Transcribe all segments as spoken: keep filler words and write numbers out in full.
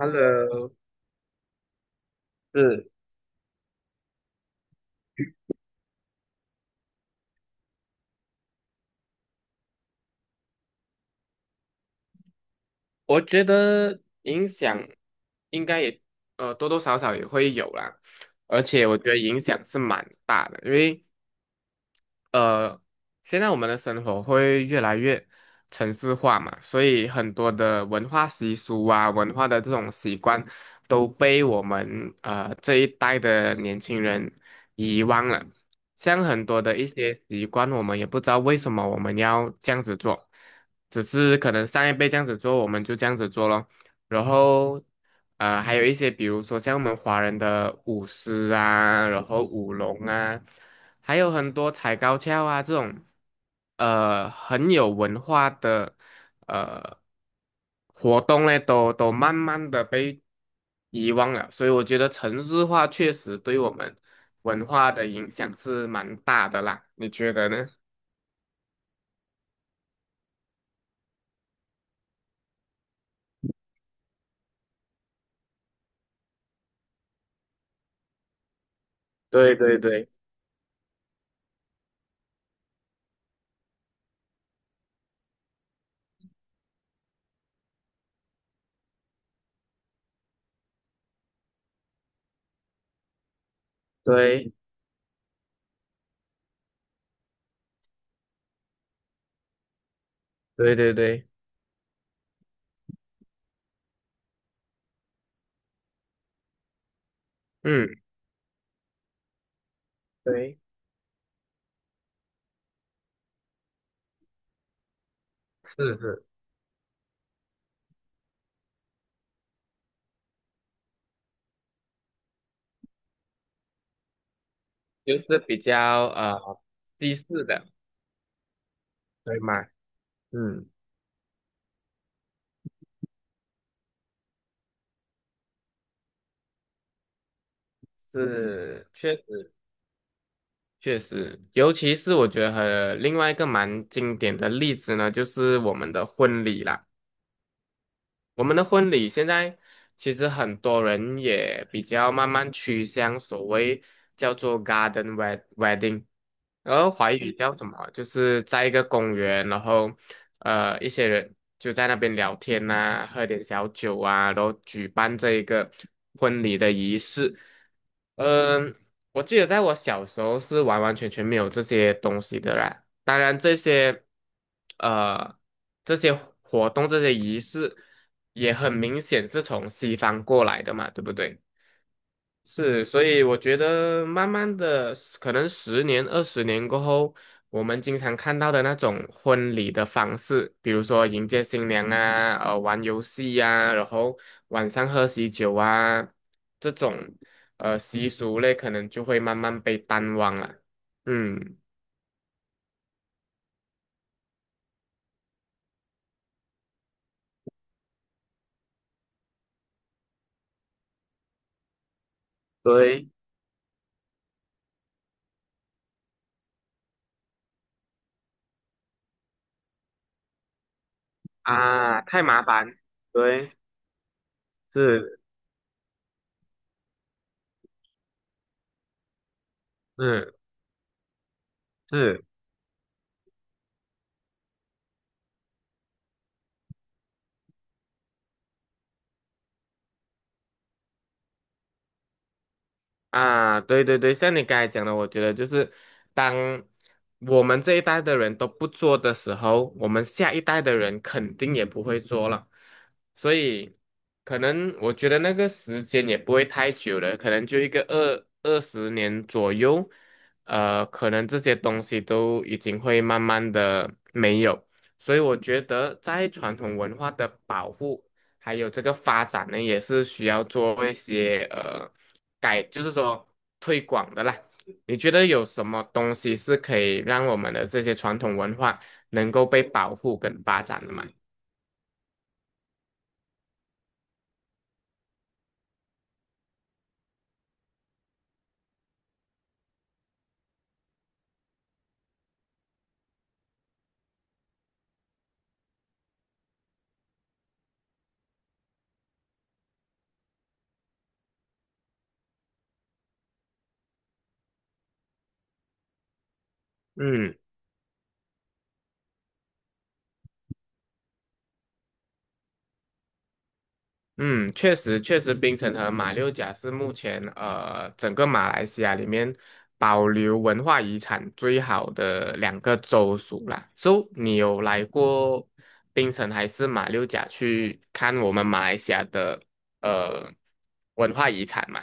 Hello，是，我觉得影响应该也呃多多少少也会有啦，而且我觉得影响是蛮大的，因为呃，现在我们的生活会越来越城市化嘛，所以很多的文化习俗啊、文化的这种习惯都被我们呃这一代的年轻人遗忘了。像很多的一些习惯，我们也不知道为什么我们要这样子做，只是可能上一辈这样子做，我们就这样子做咯。然后呃，还有一些比如说像我们华人的舞狮啊，然后舞龙啊，还有很多踩高跷啊这种，呃，很有文化的呃活动呢，都都慢慢的被遗忘了。所以我觉得城市化确实对我们文化的影响是蛮大的啦，你觉得呢？对对对对对对对，嗯，对，是是。就是比较呃西式的，对吗？嗯，是，确实确实，尤其是我觉得和另外一个蛮经典的例子呢，就是我们的婚礼啦。我们的婚礼现在其实很多人也比较慢慢趋向所谓叫做 garden wed- wedding。然后华语叫什么啊？就是在一个公园，然后呃，一些人就在那边聊天呐、喝点小酒啊，然后举办这一个婚礼的仪式。嗯、我记得在我小时候是完完全全没有这些东西的啦。当然，这些呃这些活动、这些仪式也很明显是从西方过来的嘛，对不对？是，所以我觉得慢慢的，可能十年、二十年过后，我们经常看到的那种婚礼的方式，比如说迎接新娘啊，呃，玩游戏呀、然后晚上喝喜酒啊，这种呃习俗类，可能就会慢慢被淡忘了。嗯，对啊，太麻烦。对，是，嗯，是。啊，对对对，像你刚才讲的，我觉得就是当我们这一代的人都不做的时候，我们下一代的人肯定也不会做了，所以可能我觉得那个时间也不会太久了，可能就一个二二十年左右，呃，可能这些东西都已经会慢慢的没有，所以我觉得在传统文化的保护还有这个发展呢，也是需要做一些呃。改，就是说推广的啦。你觉得有什么东西是可以让我们的这些传统文化能够被保护跟发展的吗？嗯嗯，确实确实，槟城和马六甲是目前呃整个马来西亚里面保留文化遗产最好的两个州属啦。So，你有来过槟城还是马六甲去看我们马来西亚的呃文化遗产吗？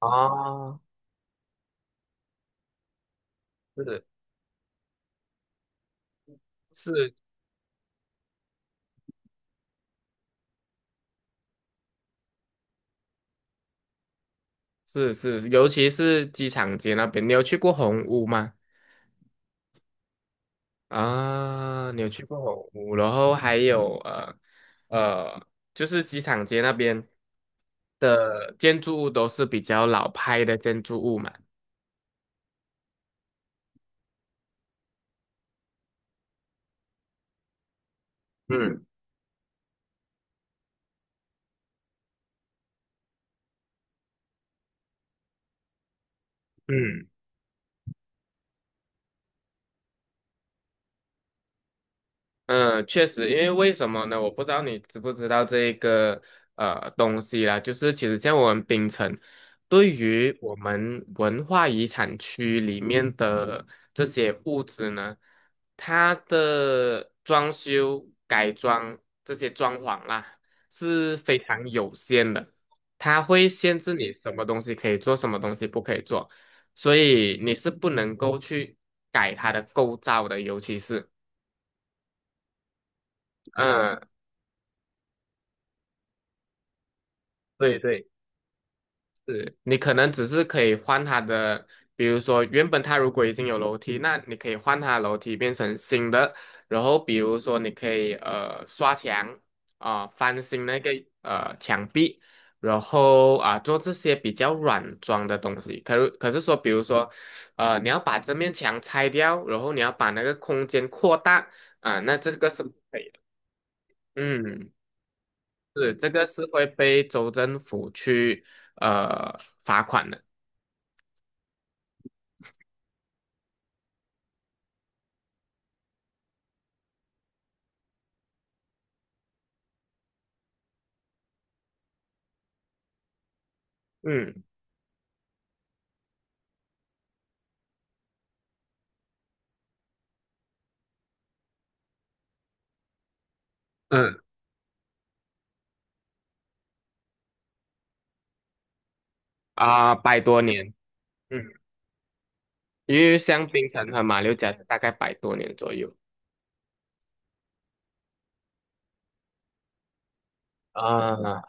啊，是是，是是，尤其是机场街那边，你有去过红屋吗？啊，你有去过红屋，然后还有呃呃，就是机场街那边的建筑物都是比较老派的建筑物嘛。嗯嗯，嗯，确实，因为为什么呢？我不知道你知不知道这个呃东西啦，就是其实像我们槟城，对于我们文化遗产区里面的这些物质呢，它的装修、改装这些装潢啦是非常有限的，它会限制你什么东西可以做，什么东西不可以做，所以你是不能够去改它的构造的，尤其是。嗯，对对，是你可能只是可以换它的，比如说原本它如果已经有楼梯，那你可以换它的楼梯变成新的，然后比如说你可以呃刷墙啊、翻新那个呃墙壁，然后啊、做这些比较软装的东西。可可是说，比如说呃你要把这面墙拆掉，然后你要把那个空间扩大啊、那这个是不可以的。嗯，是，这个是会被州政府去呃罚款的。嗯嗯啊，百多年。嗯，因为香槟城和马六甲大概百多年左右。啊、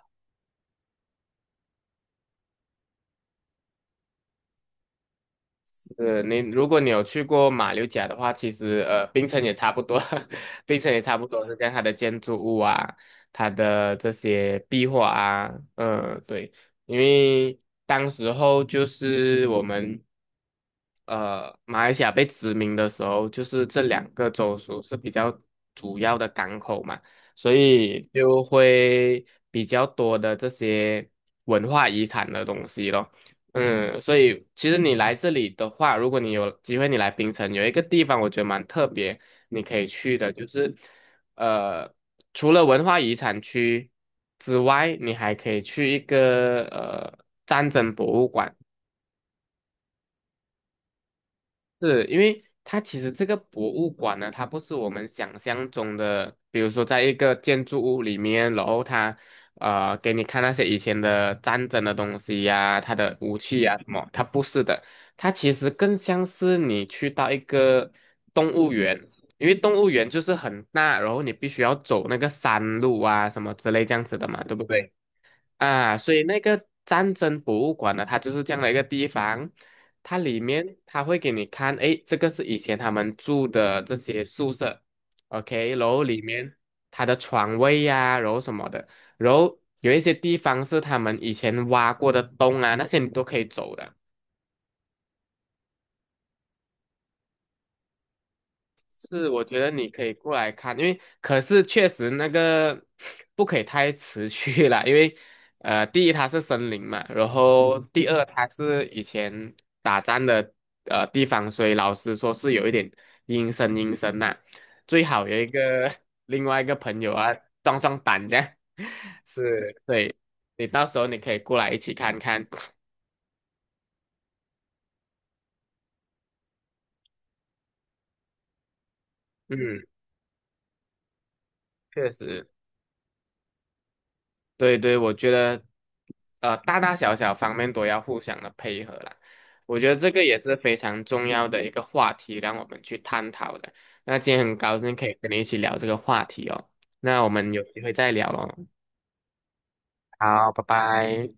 是你，如果你有去过马六甲的话，其实呃，槟城也差不多，槟城也差不多是跟它的建筑物啊，它的这些壁画啊，嗯，对，因为当时候就是我们呃马来西亚被殖民的时候，就是这两个州属是比较主要的港口嘛，所以就会比较多的这些文化遗产的东西咯。嗯，所以其实你来这里的话，如果你有机会你来槟城，有一个地方我觉得蛮特别，你可以去的，就是呃，除了文化遗产区之外，你还可以去一个呃战争博物馆。是因为它其实这个博物馆呢，它不是我们想象中的，比如说在一个建筑物里面，然后它呃给你看那些以前的战争的东西呀、它的武器呀、什么，它不是的，它其实更像是你去到一个动物园，因为动物园就是很大，然后你必须要走那个山路啊什么之类这样子的嘛，对不对？啊，所以那个战争博物馆呢，它就是这样的一个地方，它里面它会给你看，诶，这个是以前他们住的这些宿舍，OK，然后里面它的床位呀、然后什么的，然后有一些地方是他们以前挖过的洞啊，那些你都可以走的。是，我觉得你可以过来看，因为可是确实那个 不可以太持续了，因为呃，第一它是森林嘛，然后第二它是以前打仗的呃地方，所以老师说是有一点阴森阴森呐、最好有一个 另外一个朋友啊壮壮胆这样，是，对，你到时候你可以过来一起看看，嗯，确实。对对，我觉得，呃，大大小小方面都要互相的配合啦。我觉得这个也是非常重要的一个话题，让我们去探讨的。那今天很高兴可以跟你一起聊这个话题哦。那我们有机会再聊喽。好，拜拜。